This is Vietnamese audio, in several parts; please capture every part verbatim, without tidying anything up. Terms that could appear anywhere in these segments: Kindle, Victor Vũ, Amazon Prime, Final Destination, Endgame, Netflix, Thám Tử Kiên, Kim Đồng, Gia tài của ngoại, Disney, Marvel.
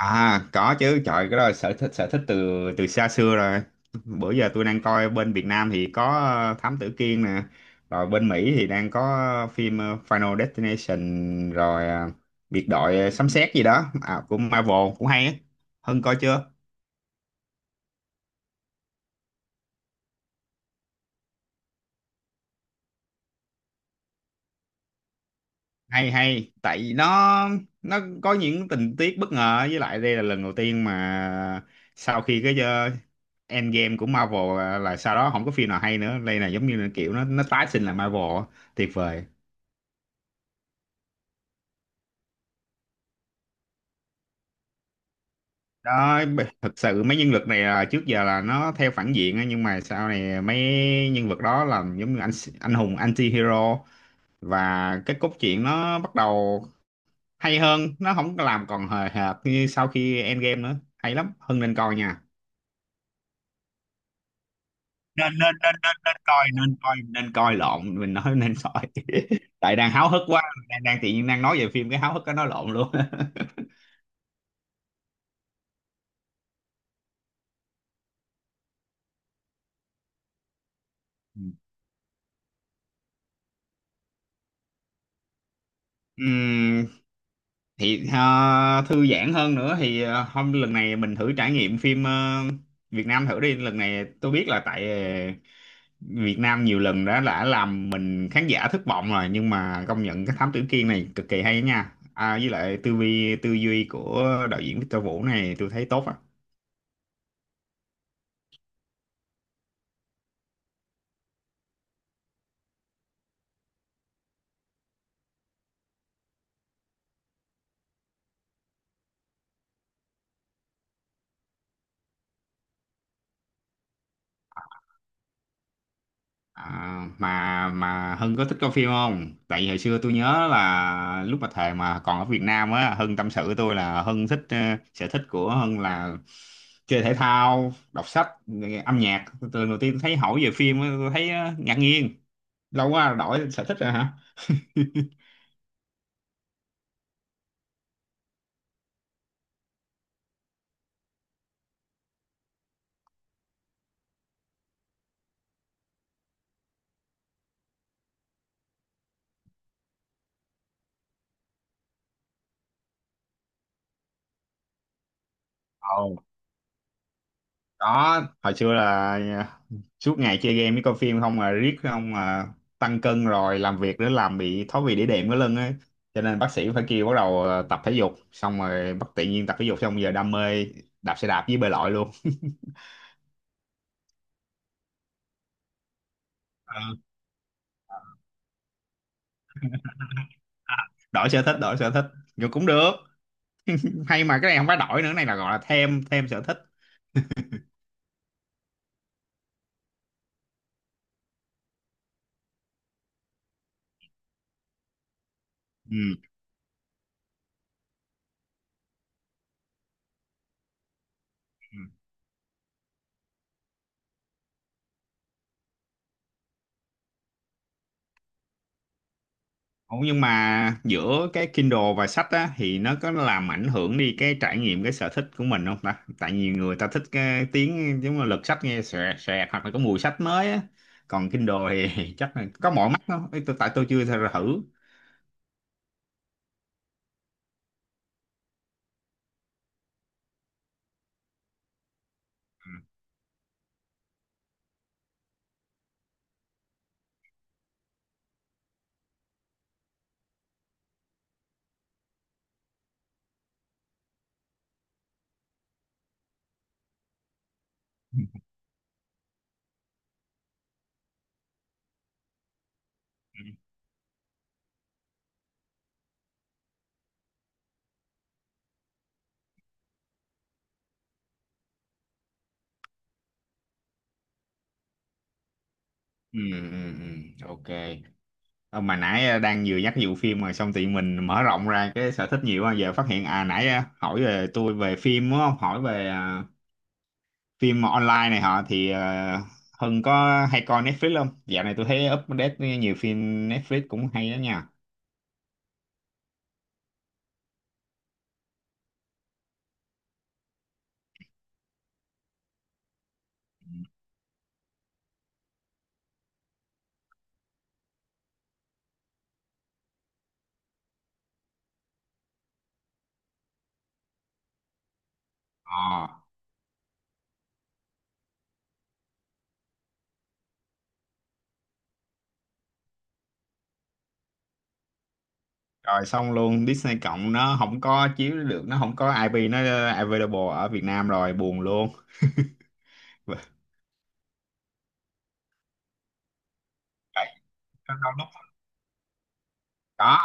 À có chứ trời, cái đó là sở thích sở thích từ từ xa xưa rồi. Bữa giờ tôi đang coi bên Việt Nam thì có ờ, Thám Tử Kiên nè. Rồi bên Mỹ thì đang có phim ờ, Final Destination. Rồi ờ, biệt đội ờ, sấm sét gì đó, à, của Marvel cũng hay á. Hưng coi chưa? Hay, hay tại vì nó nó có những tình tiết bất ngờ, với lại đây là lần đầu tiên mà sau khi cái ờ, Endgame của Marvel là, là sau đó không có phim nào hay nữa. Đây là giống như là kiểu nó nó tái sinh lại Marvel á. Tuyệt vời. Đó, b- thực sự mấy nhân vật này là trước giờ là nó theo phản diện á, nhưng mà sau này mấy nhân vật đó là giống như anh anh hùng anti-hero, và cái cốt truyện nó bắt đầu hay hơn, nó không có làm còn hời hợt như sau khi Endgame nữa. Hay lắm, Hưng nên coi nha. Nên nên nên nên nên coi, nên coi, nên coi lộn, mình nói nên coi. Tại đang háo hức quá. Đang, đang tự nhiên đang nói về phim, cái háo hức cái nói lộn luôn. Ừm, thì ờ, thư giãn hơn nữa thì ờ, hôm lần này mình thử trải nghiệm phim ờ, Việt Nam thử đi. Lần này tôi biết là tại ờ, Việt Nam nhiều lần đã đã làm mình khán giả thất vọng rồi, nhưng mà công nhận cái Thám Tử Kiên này cực kỳ hay nha. À, với lại tư vi tư duy của đạo diễn Victor Vũ này tôi thấy tốt á. À, mà mà Hưng có thích coi phim không? Tại vì hồi xưa tôi nhớ là lúc mà thời mà còn ở Việt Nam á, Hưng tâm sự với tôi là Hưng thích ờ, sở thích của Hưng là chơi thể thao, đọc sách, nghe âm nhạc. Từ lần đầu tiên tôi thấy hỏi về phim á, tôi thấy ờ, ngạc nhiên. Lâu quá đổi sở thích rồi hả? Ồ. Đó, hồi xưa là, à, suốt ngày chơi game với coi phim không mà, riết không mà tăng cân rồi, làm việc nữa làm bị thoái vị đĩa đệm cái lưng ấy, cho nên bác sĩ phải kêu bắt đầu, à, tập thể dục, xong rồi bất tự nhiên tập thể dục xong giờ đam mê đạp xe đạp với bơi lội luôn. Ờ, à, đổi sở thích, đổi sở thích, nhưng cũng được. Hay mà cái này không phải đổi nữa, cái này là gọi là thêm, thêm sở thích. Ừ. Ủa, nhưng mà giữa cái Kindle và sách á thì nó có làm ảnh hưởng đi cái trải nghiệm, cái sở thích của mình không ta? Tại nhiều người ta thích cái tiếng giống là lật sách nghe xòe xòe, hoặc là có mùi sách mới á. Còn Kindle thì chắc là có mỏi mắt không? Ê, tôi- tại tôi chưa thử. thử. Ừ, ừ, ừ, ok. Ờ, mà nãy ờ, đang vừa nhắc vụ phim mà xong thì mình mở rộng ra cái sở thích nhiều quá, giờ phát hiện à nãy ờ, hỏi về tôi về phim đúng không? Hỏi về ờ, phim online này họ thì ờ, Hưng có hay coi Netflix không? Dạo này tôi thấy update nhiều phim Netflix cũng hay đó nha. Ờ, rồi xong luôn Disney cộng nó không có chiếu được, nó không có i pê, nó available ở Việt Nam rồi, buồn luôn. Vậy, có đôi lúc. Có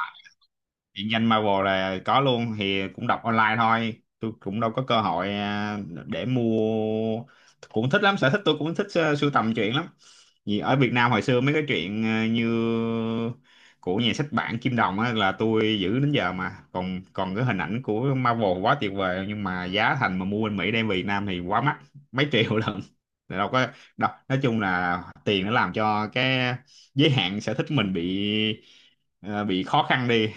điện danh Marvel là có luôn, thì cũng đọc online thôi. Tôi cũng đâu có cơ hội ờ, để mua. Cũng thích lắm, sở thích tôi cũng thích ờ, sưu tầm truyện lắm. Vì ở Việt Nam hồi xưa mấy cái chuyện ờ, như của nhà sách bản Kim Đồng á là tôi giữ đến giờ mà còn còn cái hình ảnh của Marvel, quá tuyệt vời. Nhưng mà giá thành mà mua bên Mỹ đem về Việt Nam thì quá mắc, mấy triệu lần. Thì đâu có đâu, nói chung là tiền nó làm cho cái giới hạn sở thích mình bị, ờ, bị khó khăn đi.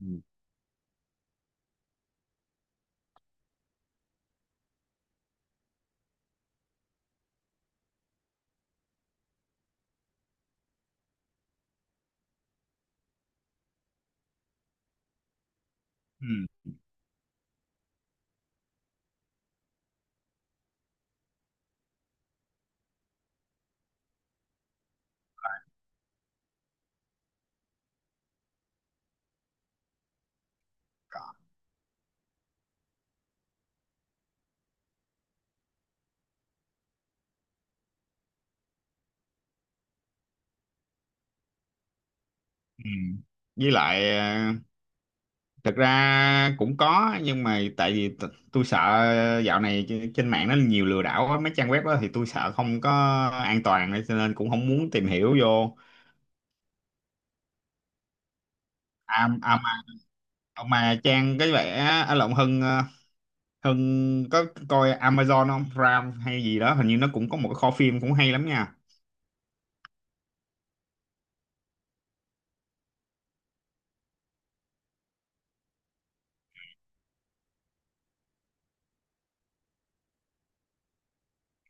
Ừ. Ừ. Ừ. Với lại ờ, thật ra cũng có, nhưng mà tại vì t- tôi sợ dạo này trên trên mạng nó nhiều lừa đảo á, mấy trang web đó thì tôi sợ không có an toàn, nên cho nên cũng không muốn tìm hiểu vô. À, à mà, mà trang cái vẻ ở lộng Hưng, ờ, Hưng có coi Amazon không? Prime hay gì đó, hình như nó cũng có một cái kho phim cũng hay lắm nha.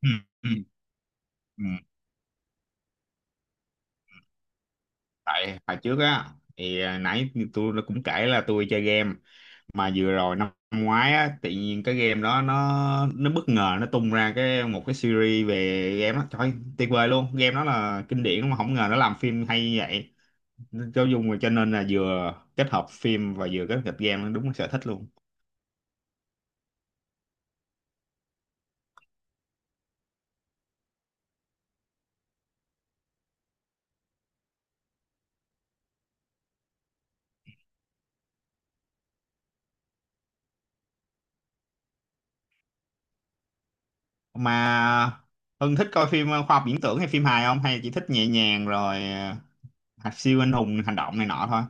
Ừ, ừ, ừ. Tại hồi trước á thì, à, nãy tôi cũng kể là tôi chơi game, mà vừa rồi năm ngoái á tự nhiên cái game đó nó nó bất ngờ nó tung ra cái một cái series về game á, trời tuyệt vời luôn, game đó là kinh điển mà không ngờ nó làm phim hay như vậy, cho dùng cho nên là vừa kết hợp phim và vừa kết hợp game, đúng là sở thích luôn. Mà Hưng thích coi phim ờ, khoa học viễn tưởng hay phim hài không, hay chỉ thích nhẹ nhàng rồi à, siêu anh hùng hành động này nọ thôi?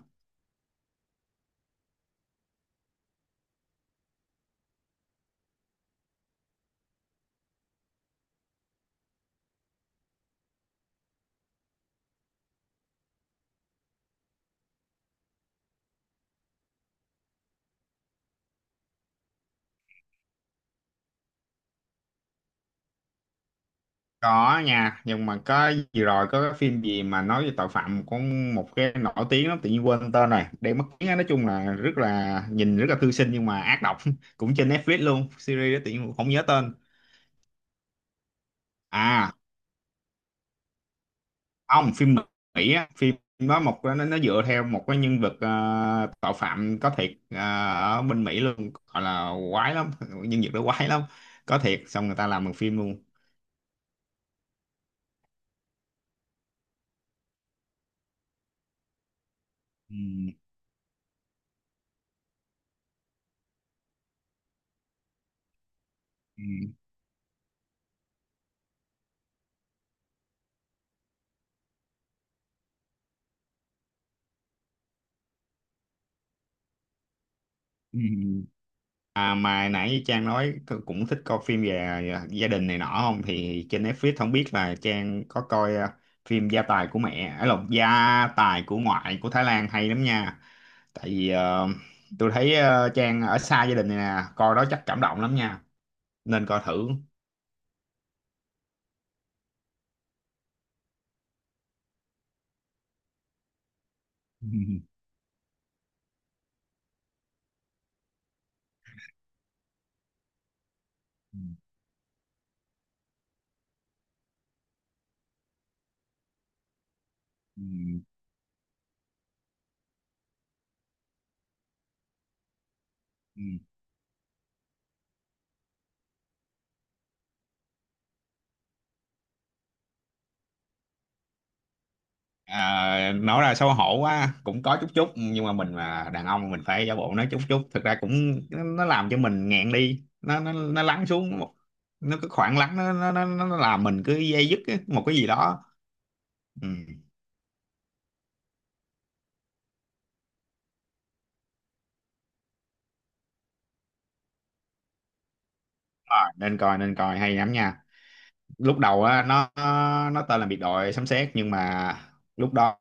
Có nha, nhưng mà có gì rồi, có cái phim gì mà nói về tội phạm, có một cái nổi tiếng lắm tự nhiên quên tên rồi, để mất tiếng á. Nói chung là rất là nhìn rất là thư sinh nhưng mà ác độc, cũng trên Netflix luôn, series đó tự nhiên không nhớ tên. À không, phim Mỹ á. Phim đó một, nó, nó dựa theo một cái nhân vật ờ, tội phạm có thiệt ờ, ở bên Mỹ luôn, gọi là quái lắm. Nhân vật đó quái lắm, có thiệt, xong người ta làm một phim luôn. Ừ. Ừ. Ừ. À, mà nãy như Trang nói c- cũng thích coi phim về, à, gia đình này nọ không, thì trên Netflix không biết là Trang có coi ờ, phim Gia tài của mẹ, ấy lộn, Gia tài của ngoại của Thái Lan hay lắm nha. Tại vì ờ, tôi thấy ờ, Trang ở xa gia đình này nè, coi đó chắc cảm động lắm nha, nên coi thử. Ừ, ừ, ừ. À, nói ra xấu hổ quá, cũng có chút chút, nhưng mà mình mà đàn ông mình phải giả bộ nói chút chút, thực ra cũng nó, nó làm cho mình nghẹn đi, nó nó nó lắng xuống một, nó cứ khoảng lắng, nó nó nó, nó làm mình cứ dây dứt á, một cái gì đó. Ừ. Rồi, nên coi, nên coi hay lắm nha. Lúc đầu á nó nó tên là biệt đội sấm sét, nhưng mà lúc đó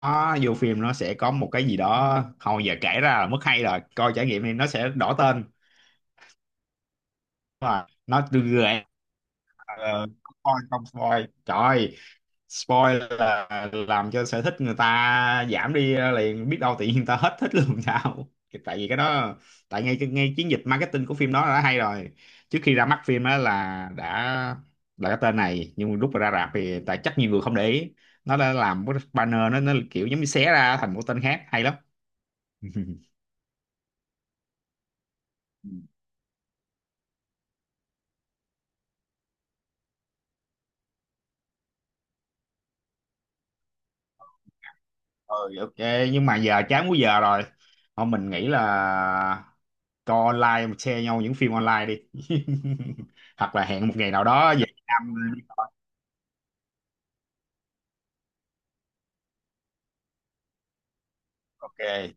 nó, vô phim nó sẽ có một cái gì đó, thôi giờ kể ra là mất hay, rồi coi trải nghiệm đi, nó sẽ đổi tên và nó gợi... Ờ, không spoil, không spoil trời, spoil là làm cho sở thích người ta giảm đi ờ, liền, biết đâu tự nhiên người ta hết thích luôn sao. Tại vì cái đó, tại ngay ngay chiến dịch marketing của phim đó đã hay rồi, trước khi ra mắt phim á là đã là cái tên này, nhưng lúc mà ra rạp thì tại chắc nhiều người không để ý, nó đã làm cái banner nó nó kiểu giống như xé ra thành một tên khác, hay lắm. Ừ ok, nhưng mà giờ chán quá giờ rồi, thôi mình nghĩ là coi online mà share nhau những phim online đi. Hoặc là hẹn một ngày nào đó về Việt Nam đi. Ok.